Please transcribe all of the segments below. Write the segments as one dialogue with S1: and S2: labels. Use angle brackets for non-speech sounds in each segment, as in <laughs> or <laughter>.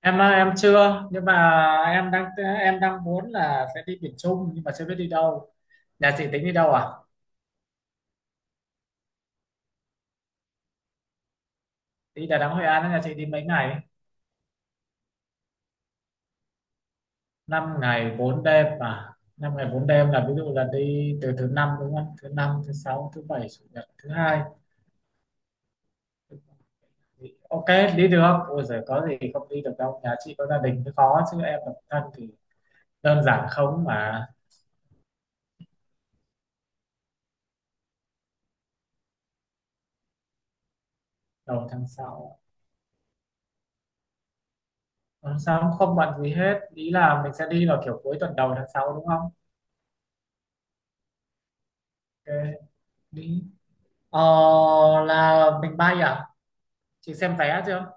S1: Em á, em chưa nhưng mà em đang muốn là sẽ đi miền Trung nhưng mà chưa biết đi đâu. Nhà chị tính đi đâu à? Đi Đà Nẵng Hội An á, nhà chị đi mấy ngày? Năm ngày 4 đêm, mà 5 ngày 4 đêm là ví dụ là đi từ thứ năm đúng không? Thứ năm, thứ sáu, thứ bảy, chủ nhật, thứ hai. Ok, đi được. Ôi giời, có gì không đi được đâu, nhà chị có gia đình mới khó chứ em độc thân thì đơn giản không mà. Đầu tháng sáu, tháng 6 không bận gì hết, ý là mình sẽ đi vào kiểu cuối tuần đầu tháng 6 đúng không? Ok, đi. Ờ, là mình bay à? Chị xem vé chưa?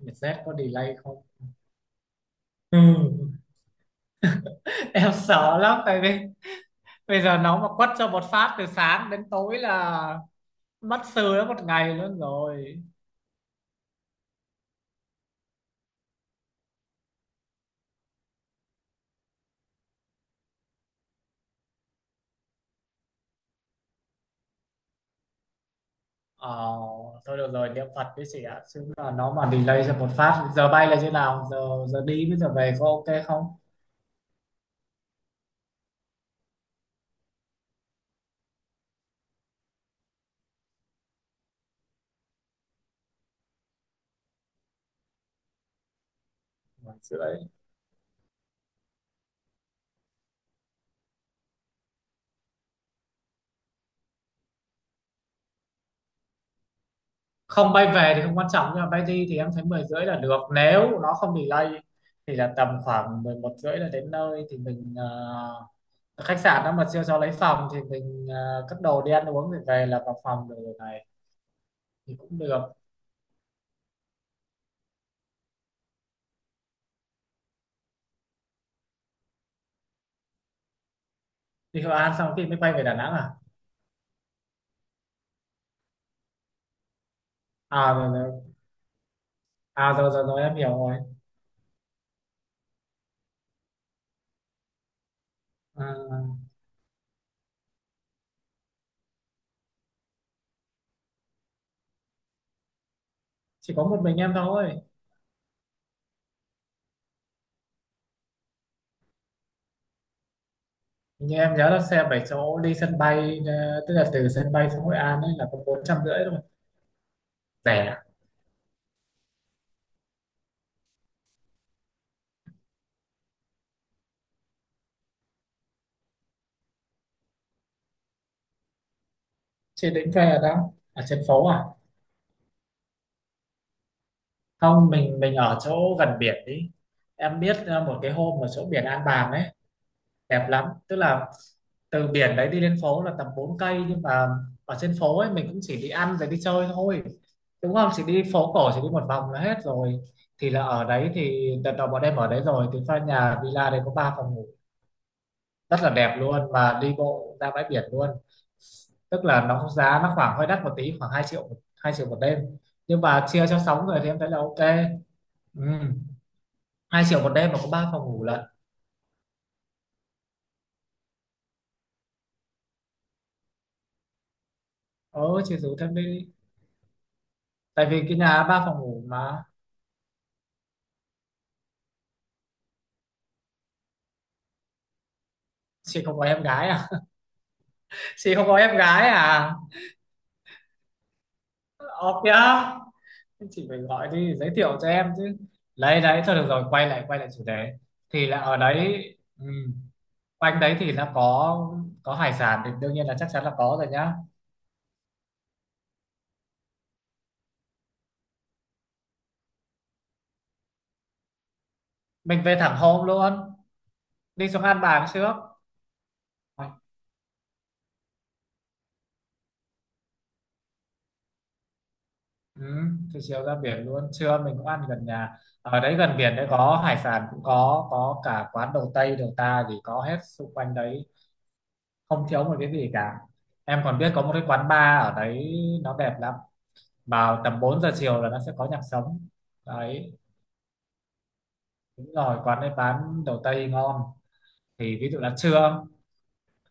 S1: Vietjet có delay không? Ừ. <laughs> Em sợ lắm tại vì <laughs> bây giờ nó mà quất cho một phát từ sáng đến tối là mất sư đó một ngày luôn rồi. Ờ, Thôi được rồi, niệm Phật với chị ạ. Chứ là nó mà delay cho một phát, giờ bay là như nào? Giờ giờ đi với giờ về có ok không? 1:30. Không, bay về thì không quan trọng nhưng mà bay đi thì em thấy 10:30 là được nếu nó không delay, thì là tầm khoảng 11:30 là đến nơi, thì mình khách sạn đó mà chưa cho lấy phòng thì mình cất đồ đi ăn uống rồi về là vào phòng được rồi này. Thì cũng được. Đi Hội An xong thì mới bay về Đà Nẵng à? À rồi rồi. À rồi rồi, rồi em hiểu rồi. À, chỉ có một mình em thôi. Hình như em nhớ là xe 7 chỗ đi sân bay tức là từ sân bay xuống Hội An ấy là có 450 thôi. Rẻ. Chứ định về ở đâu, ở trên phố à? Không, mình ở chỗ gần biển đi. Em biết một cái hôm ở chỗ biển An Bàng ấy, đẹp lắm, tức là từ biển đấy đi lên phố là tầm 4 cây, nhưng mà ở trên phố ấy mình cũng chỉ đi ăn rồi đi chơi thôi, đúng không, chỉ đi phố cổ chỉ đi một vòng là hết rồi. Thì là ở đấy thì đợt đầu bọn em ở đấy rồi, thì pha nhà villa đấy có 3 phòng ngủ, rất là đẹp luôn mà đi bộ ra bãi biển luôn. Tức là nó giá nó khoảng hơi đắt một tí, khoảng 2 triệu, 2 triệu một đêm, nhưng mà chia cho 6 người thì em thấy là ok. Ừ. 2 triệu một đêm mà có ba phòng ngủ lận. Ờ chị rủ thêm đi, tại vì cái nhà ba phòng ngủ mà. Chị không có em gái à? <laughs> Chị không có em gái à? Ok nhá, chị phải gọi đi giới thiệu cho em chứ. Lấy đấy thôi được rồi, quay lại chủ đề. Thì là ở đấy, ừ, quanh đấy thì nó có hải sản thì đương nhiên là chắc chắn là có rồi nhá. Mình về thẳng hôm luôn. Đi xuống An Bàng trước. Ờ. Ừ. Thì chiều ra biển luôn, trưa mình cũng ăn gần nhà, ở đấy gần biển đấy có hải sản cũng có cả quán đầu Tây đầu ta gì có hết xung quanh đấy, không thiếu một cái gì cả. Em còn biết có một cái quán bar ở đấy, nó đẹp lắm, vào tầm 4 giờ chiều là nó sẽ có nhạc sống. Đấy. Đúng rồi, quán đấy bán đầu Tây ngon. Thì ví dụ là trưa,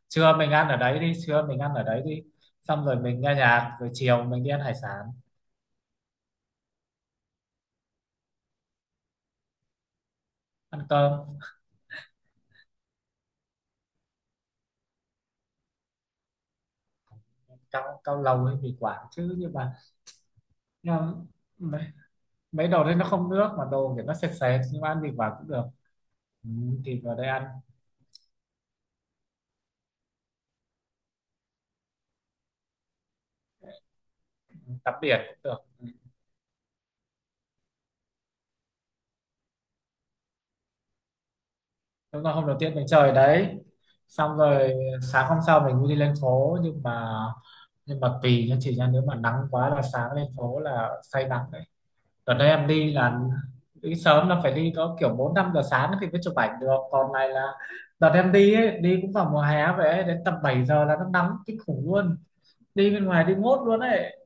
S1: trưa mình ăn ở đấy đi, trưa mình ăn ở đấy đi, xong rồi mình nghe nhạc rồi chiều mình đi ăn hải sản. Ăn cơm. Cao Cao lầu hay mì Quảng chứ, nhưng mà, nhưng mà mấy đồ đấy nó không nước mà đồ kiểu nó sệt sệt, nhưng mà ăn thịt vào cũng được. Ừ, thịt vào đây ăn. Tắm biển cũng được. Ừ. Đúng là hôm đầu tiên mình chơi ở đấy, xong rồi sáng hôm sau mình mới đi lên phố, nhưng mà, nhưng mà tùy nha chị nha, nếu mà nắng quá là sáng lên phố là say nắng đấy. Đợt đây em đi là đi sớm là phải đi có kiểu bốn năm giờ sáng thì mới chụp ảnh được, còn này là đợt em đi ấy, đi cũng vào mùa hè vậy ấy, đến tầm 7 giờ là nó nắng kinh khủng luôn, đi bên ngoài đi mốt luôn ấy.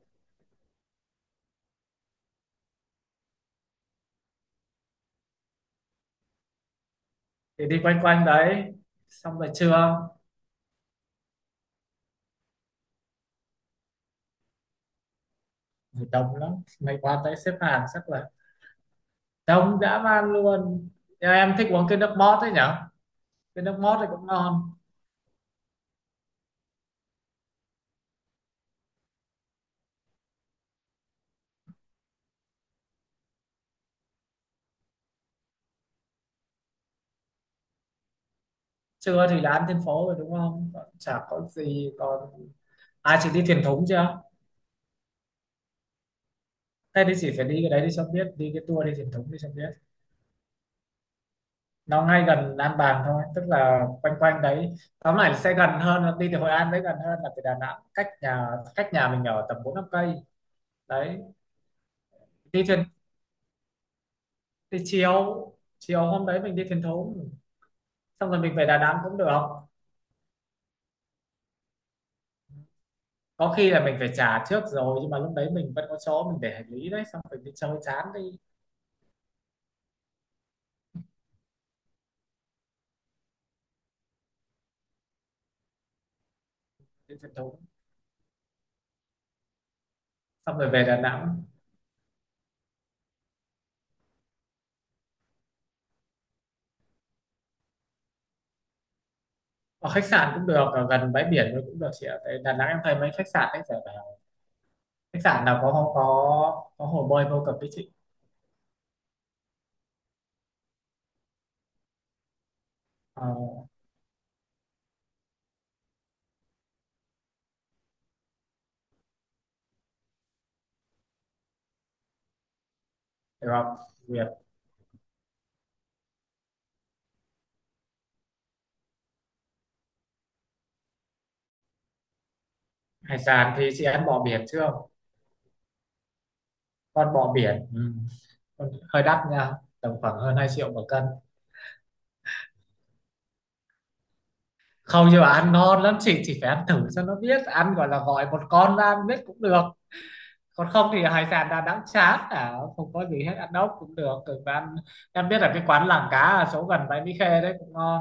S1: Thì đi quanh quanh đấy xong rồi trưa, đông lắm, mày qua tới xếp hàng chắc là đông dã man luôn. Nhưng em thích uống cái nước mót ấy nhở, cái nước mót thì cũng ngon. Trưa thì là ăn trên phố rồi đúng không? Còn chả có gì còn, à chị đi thuyền thúng chưa? Thế thì chị phải đi cái đấy đi cho biết, đi cái tour đi thuyền thúng đi cho biết. Nó ngay gần An Bàng thôi, tức là quanh quanh đấy, tóm lại sẽ gần hơn là đi từ Hội An, đấy gần hơn là từ Đà Nẵng, cách nhà mình ở tầm bốn năm cây. Đấy. Đi thuyền. Đi chiều. Chiều hôm đấy mình đi thuyền thúng, xong rồi mình về Đà Nẵng cũng được. Có khi là mình phải trả trước rồi, nhưng mà lúc đấy mình vẫn có chỗ mình để hành lý đấy, xong rồi đi chơi chán đi. Đi truyền thống. Xong rồi về Đà Nẵng. Ở khách sạn cũng được, ở gần bãi biển thôi cũng được chị ạ, tại Đà Nẵng em thấy mấy khách sạn đấy giờ bảo khách sạn nào có không, có có hồ bơi vô cực đấy chị. ờ, được không Việt? Hải sản thì chị ăn bò biển chưa? Con bò biển. Ừ. Con hơi đắt nha, tầm khoảng hơn 2 triệu một cân. Không, nhưng mà ăn ngon lắm chị, chỉ phải ăn thử cho nó biết ăn, gọi là gọi một con ra ăn biết cũng được. Còn không thì hải sản Đà Nẵng chán à, không có gì hết, ăn ốc cũng được. Rồi và ăn, em biết là cái quán làng cá ở chỗ gần bãi Mỹ Khê đấy cũng ngon.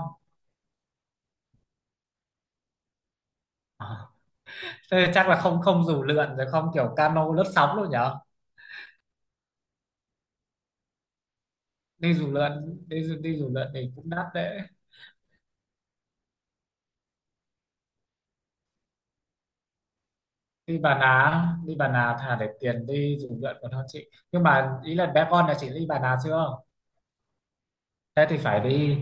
S1: Thế chắc là không không dù lượn rồi, không kiểu cano lướt sóng luôn nhở? Đi dù lượn, đi dù lượn thì cũng đắt đấy. Đi Bà Nà, đi Bà Nà thà để tiền đi dù lượn còn hơn chị, nhưng mà ý là bé con là chị đi Bà Nà chưa? Thế thì phải đi.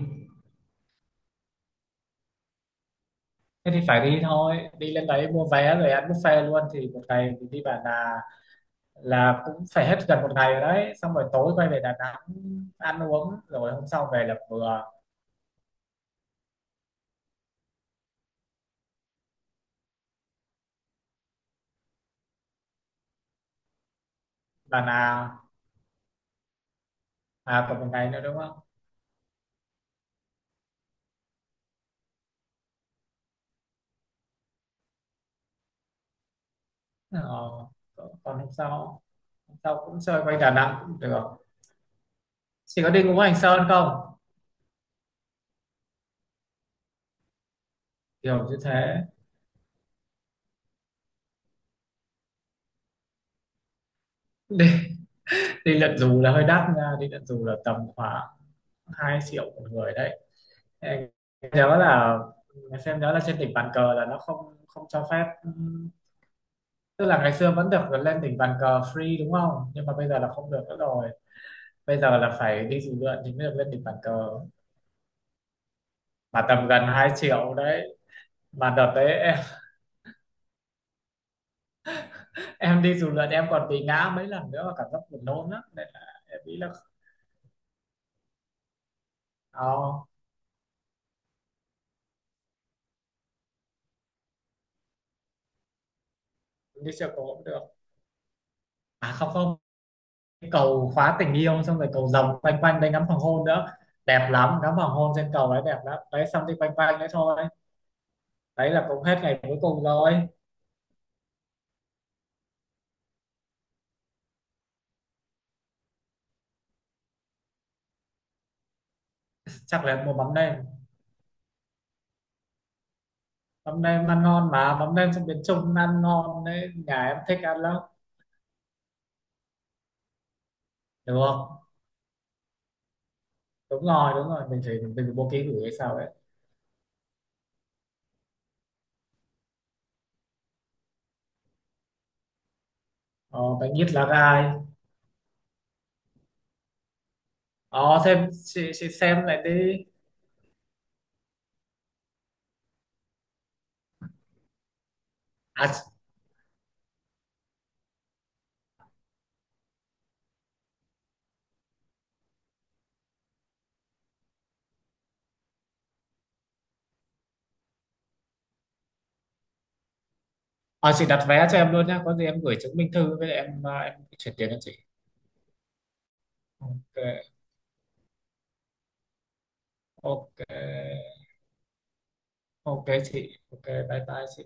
S1: Thế thì phải đi thôi, đi lên đấy mua vé rồi ăn buffet luôn, thì một ngày mình đi Bà Nà là cũng phải hết gần một ngày rồi đấy, xong rồi tối quay về Đà Nẵng ăn uống rồi hôm sau về là vừa. Là à, còn một ngày nữa đúng không? Ờ, còn hôm sau, hôm sau cũng chơi quanh Đà Nẵng cũng được. Chỉ có đi Ngũ Hành Sơn không? Kiểu như thế. Đi <laughs> đi lượn dù là hơi đắt nha, đi lượn dù là tầm khoảng 2 triệu một người đấy. Em nhớ là em xem nhớ là trên đỉnh bàn cờ là nó không không cho phép, tức là ngày xưa vẫn được lên đỉnh bàn cờ free đúng không, nhưng mà bây giờ là không được nữa rồi. Bây giờ là phải đi dù lượn thì mới được lên đỉnh bàn cờ, mà tầm gần 2 triệu đấy. Mà đợt đấy em, <laughs> em đi dù lượn em còn bị ngã mấy lần nữa và cảm giác buồn nôn lắm, nên là em nghĩ là, oh, đi trèo cầu cũng được. À không không, cái cầu khóa tình yêu, xong rồi cầu rồng quanh quanh đây ngắm hoàng hôn nữa, đẹp lắm, ngắm hoàng hôn trên cầu đấy đẹp lắm đấy, xong đi quanh quanh đấy thôi. Đấy là cũng hết ngày cuối cùng rồi. Chắc là em mua mắm đây, mắm nêm ăn ngon mà, mắm nêm trong miền Trung ăn ngon đấy, nhà em thích ăn lắm. Được không? Đúng rồi đúng rồi, mình phải bố trí gửi hay sao đấy. Ờ, bánh ít lá gai. Ờ thêm chị xem lại đi. À, ờ, chị đặt vé cho em luôn nhá, có gì em gửi chứng minh thư với lại em à, em chuyển tiền cho chị. Ok. Ok. Ok chị, ok bye bye chị.